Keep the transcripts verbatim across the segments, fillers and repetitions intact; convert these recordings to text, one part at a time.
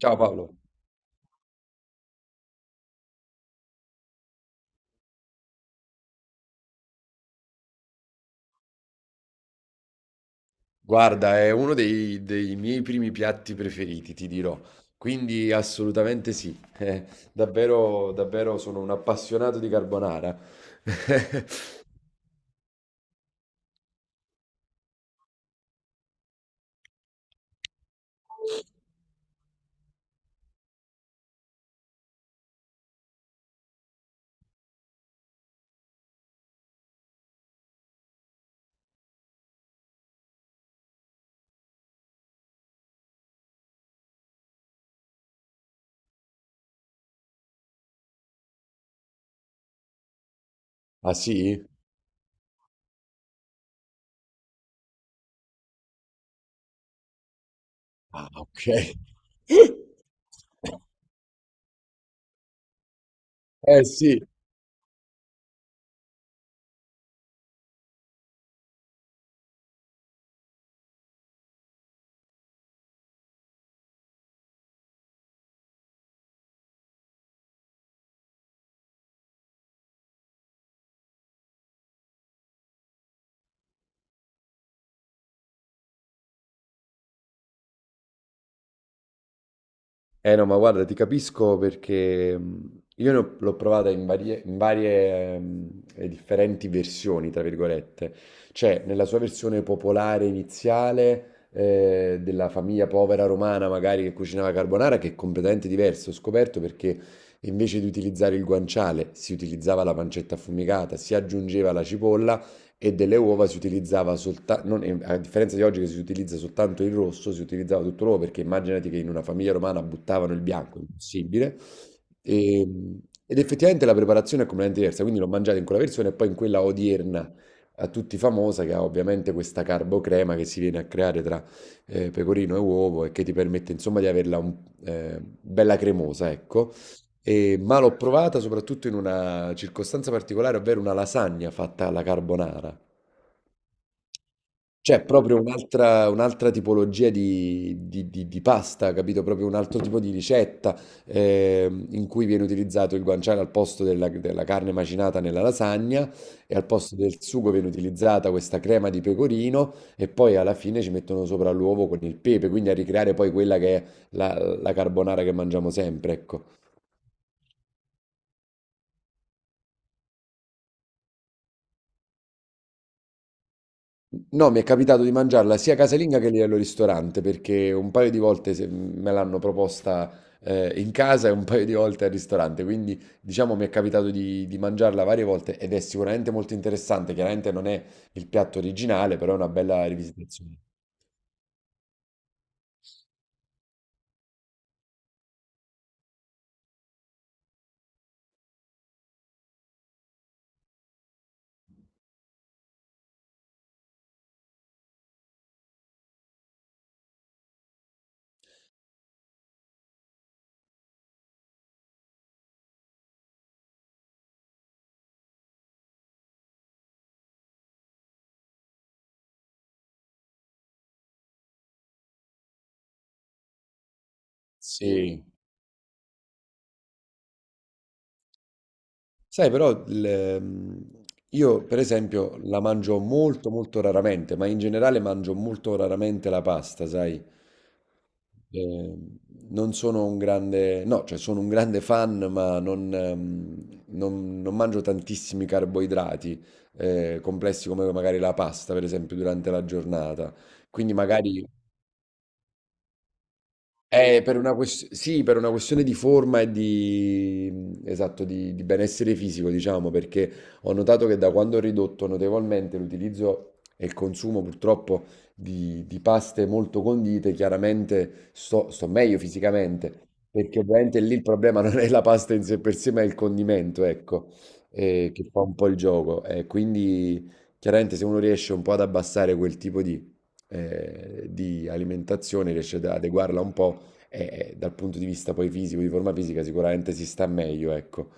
Ciao Paolo, guarda, è uno dei, dei miei primi piatti preferiti, ti dirò, quindi assolutamente sì, eh, davvero, davvero sono un appassionato di carbonara. Ah sì? Ah ok. Eh sì. Eh no, ma guarda, ti capisco perché mh, io ne ho- l'ho provata in varie, in varie, mh, e differenti versioni, tra virgolette. Cioè, nella sua versione popolare iniziale, eh, della famiglia povera romana, magari che cucinava carbonara, che è completamente diverso. Ho scoperto perché invece di utilizzare il guanciale si utilizzava la pancetta affumicata, si aggiungeva la cipolla e delle uova si utilizzava soltanto, a differenza di oggi che si utilizza soltanto il rosso, si utilizzava tutto l'uovo perché immaginati che in una famiglia romana buttavano il bianco, impossibile. E- ed effettivamente la preparazione è completamente diversa, quindi l'ho mangiata in quella versione e poi in quella odierna a tutti famosa che ha ovviamente questa carbocrema che si viene a creare tra eh, pecorino e uovo e che ti permette insomma di averla un- eh, bella cremosa, ecco. E- ma l'ho provata soprattutto in una circostanza particolare, ovvero una lasagna fatta alla carbonara. C'è proprio un'altra un'altra tipologia di, di- di- di pasta, capito? Proprio un altro tipo di ricetta ehm, in cui viene utilizzato il guanciale al posto della, della carne macinata nella lasagna e al posto del sugo viene utilizzata questa crema di pecorino e poi alla fine ci mettono sopra l'uovo con il pepe, quindi a ricreare poi quella che è la, la carbonara che mangiamo sempre, ecco. No, mi è capitato di mangiarla sia casalinga che lì al ristorante, perché un paio di volte se- mm, me l'hanno proposta eh, in casa e un paio di volte al ristorante, quindi diciamo mi è capitato di, di mangiarla varie volte ed è sicuramente molto interessante, chiaramente non è il piatto originale, però è una bella rivisitazione. Sì. Sai, però il- io per esempio la mangio molto molto raramente, ma in generale mangio molto raramente la pasta, sai? Eh, non sono un grande, no, cioè sono un grande fan, ma non, ehm, non- non mangio tantissimi carboidrati eh, complessi come magari la pasta, per esempio, durante la giornata. Quindi magari eh, per una ques- sì, per una questione di forma e di, esatto, di, di benessere fisico, diciamo, perché ho notato che da quando ho ridotto notevolmente l'utilizzo e il consumo purtroppo di, di paste molto condite, chiaramente sto, sto meglio fisicamente, perché ovviamente lì il problema non è la pasta in sé per sé, ma è il condimento, ecco, eh, che fa un po' il gioco. E quindi chiaramente se uno riesce un po' ad abbassare quel tipo di eh, di alimentazione, riesce ad adeguarla un po', e dal punto di vista poi fisico, di forma fisica, sicuramente si sta meglio, ecco.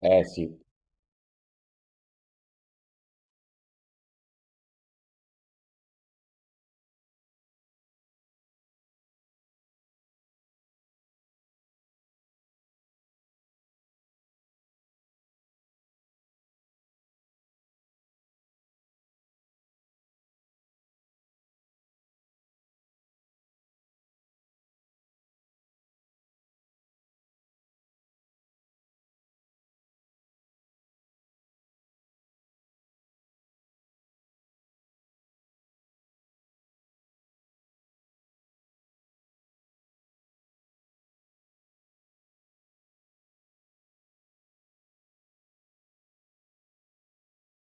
Eh sì,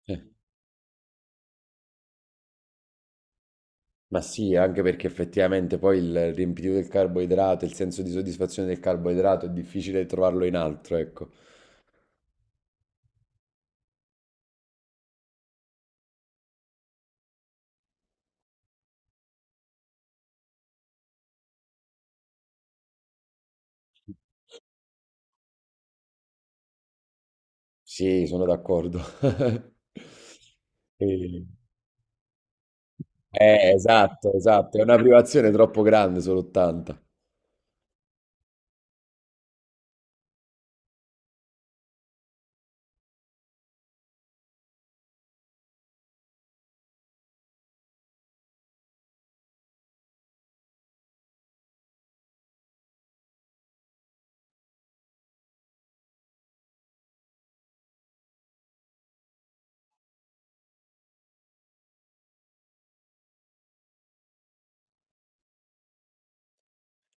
eh. Ma sì, anche perché effettivamente poi il riempitivo del carboidrato, il senso di soddisfazione del carboidrato è difficile trovarlo in altro, ecco. Sì, sono d'accordo. E- eh, esatto, esatto, è una privazione troppo grande solo ottanta.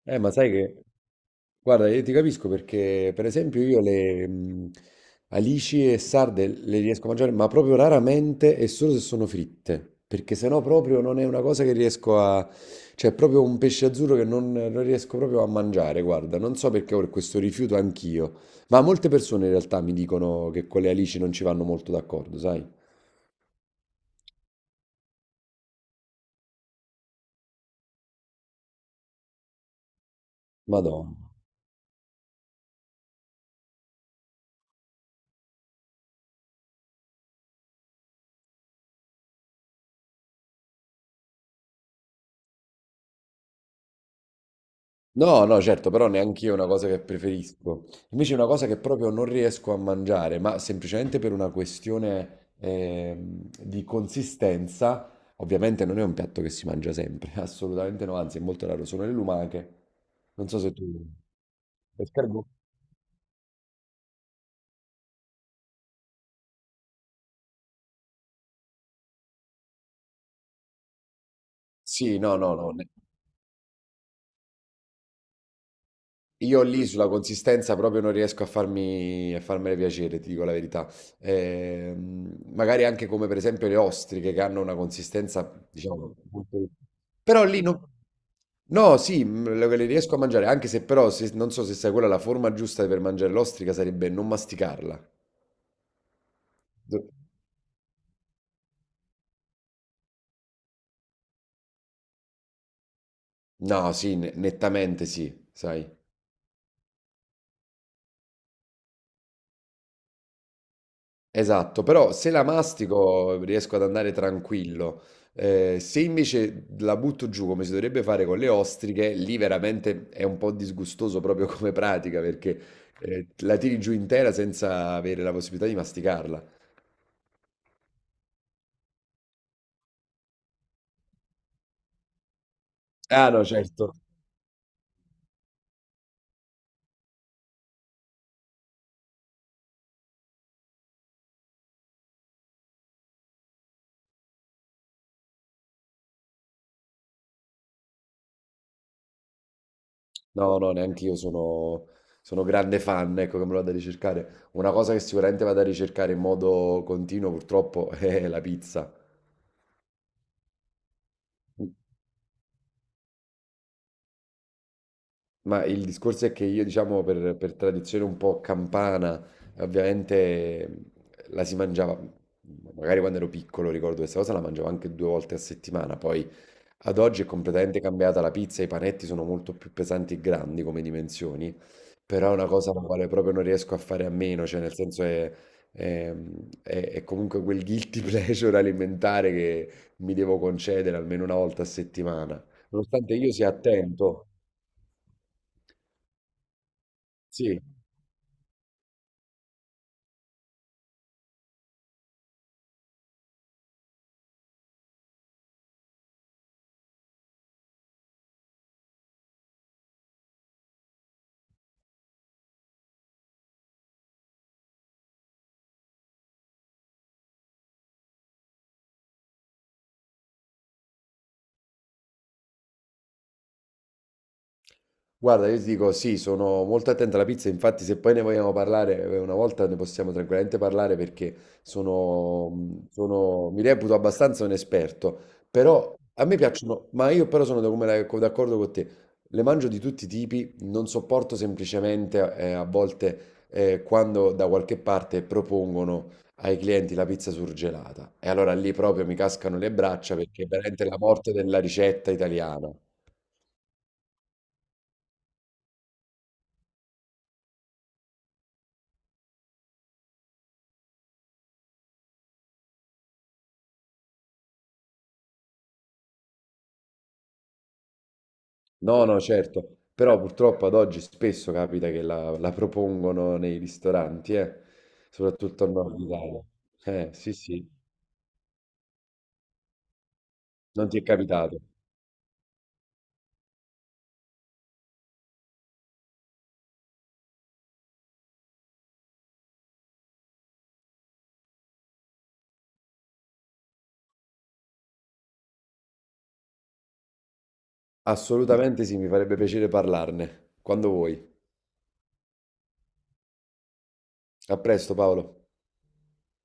Eh, ma sai che... Guarda, io ti capisco perché, per esempio, io le mh, alici e sarde le riesco a mangiare, ma proprio raramente e solo se sono fritte, perché sennò proprio non è una cosa che riesco a... Cioè è proprio un pesce azzurro che non, non riesco proprio a mangiare, guarda, non so perché ho questo rifiuto anch'io, ma molte persone in realtà mi dicono che con le alici non ci vanno molto d'accordo, sai? Madonna. No, no, certo, però neanche io è una cosa che preferisco. Invece è una cosa che proprio non riesco a mangiare, ma semplicemente per una questione ehm, di consistenza. Ovviamente non è un piatto che si mangia sempre, assolutamente no, anzi è molto raro, sono le lumache. Non so se tu... Escargot? Sì, no, no, no. Io lì sulla consistenza proprio non riesco a farmi, a farmene piacere, ti dico la verità. Ehm, magari anche come per esempio le ostriche che hanno una consistenza, diciamo, molto- però lì non... No, sì, mh, le le riesco a mangiare, anche se però se- non so se sai quella la forma giusta per mangiare l'ostrica sarebbe non masticarla. Do- no, sì, ne- nettamente sì, sai. Esatto, però se la mastico riesco ad andare tranquillo. Eh, se invece la butto giù come si dovrebbe fare con le ostriche, lì veramente è un po' disgustoso proprio come pratica perché eh, la tiri giù intera senza avere la possibilità di masticarla. Ah no, certo. No, no, neanche io sono, sono grande fan, ecco che me lo vado a ricercare. Una cosa che sicuramente vado a ricercare in modo continuo purtroppo è la pizza. Ma il discorso è che io, diciamo, per, per tradizione un po' campana, ovviamente mh, la si mangiava, mh, magari quando ero piccolo ricordo questa cosa, la mangiavo anche due volte a settimana, poi ad oggi è completamente cambiata la pizza, i panetti sono molto più pesanti e grandi come dimensioni, però è una cosa la quale proprio non riesco a fare a meno, cioè nel senso è, è- è- è comunque quel guilty pleasure alimentare che mi devo concedere almeno una volta a settimana, nonostante io sia attento, sì. Guarda, io ti dico sì, sono molto attento alla pizza, infatti se poi ne vogliamo parlare eh, una volta ne possiamo tranquillamente parlare perché sono, mm, sono- mi reputo abbastanza un esperto, però a me piacciono, ma io però sono da- come la- co- d'accordo con te, le mangio di tutti i tipi, non sopporto semplicemente eh, a volte eh, quando da qualche parte propongono ai clienti la pizza surgelata e allora lì proprio mi cascano le braccia perché è veramente la morte della ricetta italiana. No, no, certo, però purtroppo ad oggi spesso capita che la, la propongono nei ristoranti, eh, soprattutto al nord Italia. Eh, sì, sì, non ti è capitato. Assolutamente sì, mi farebbe piacere parlarne, quando vuoi. A presto, Paolo.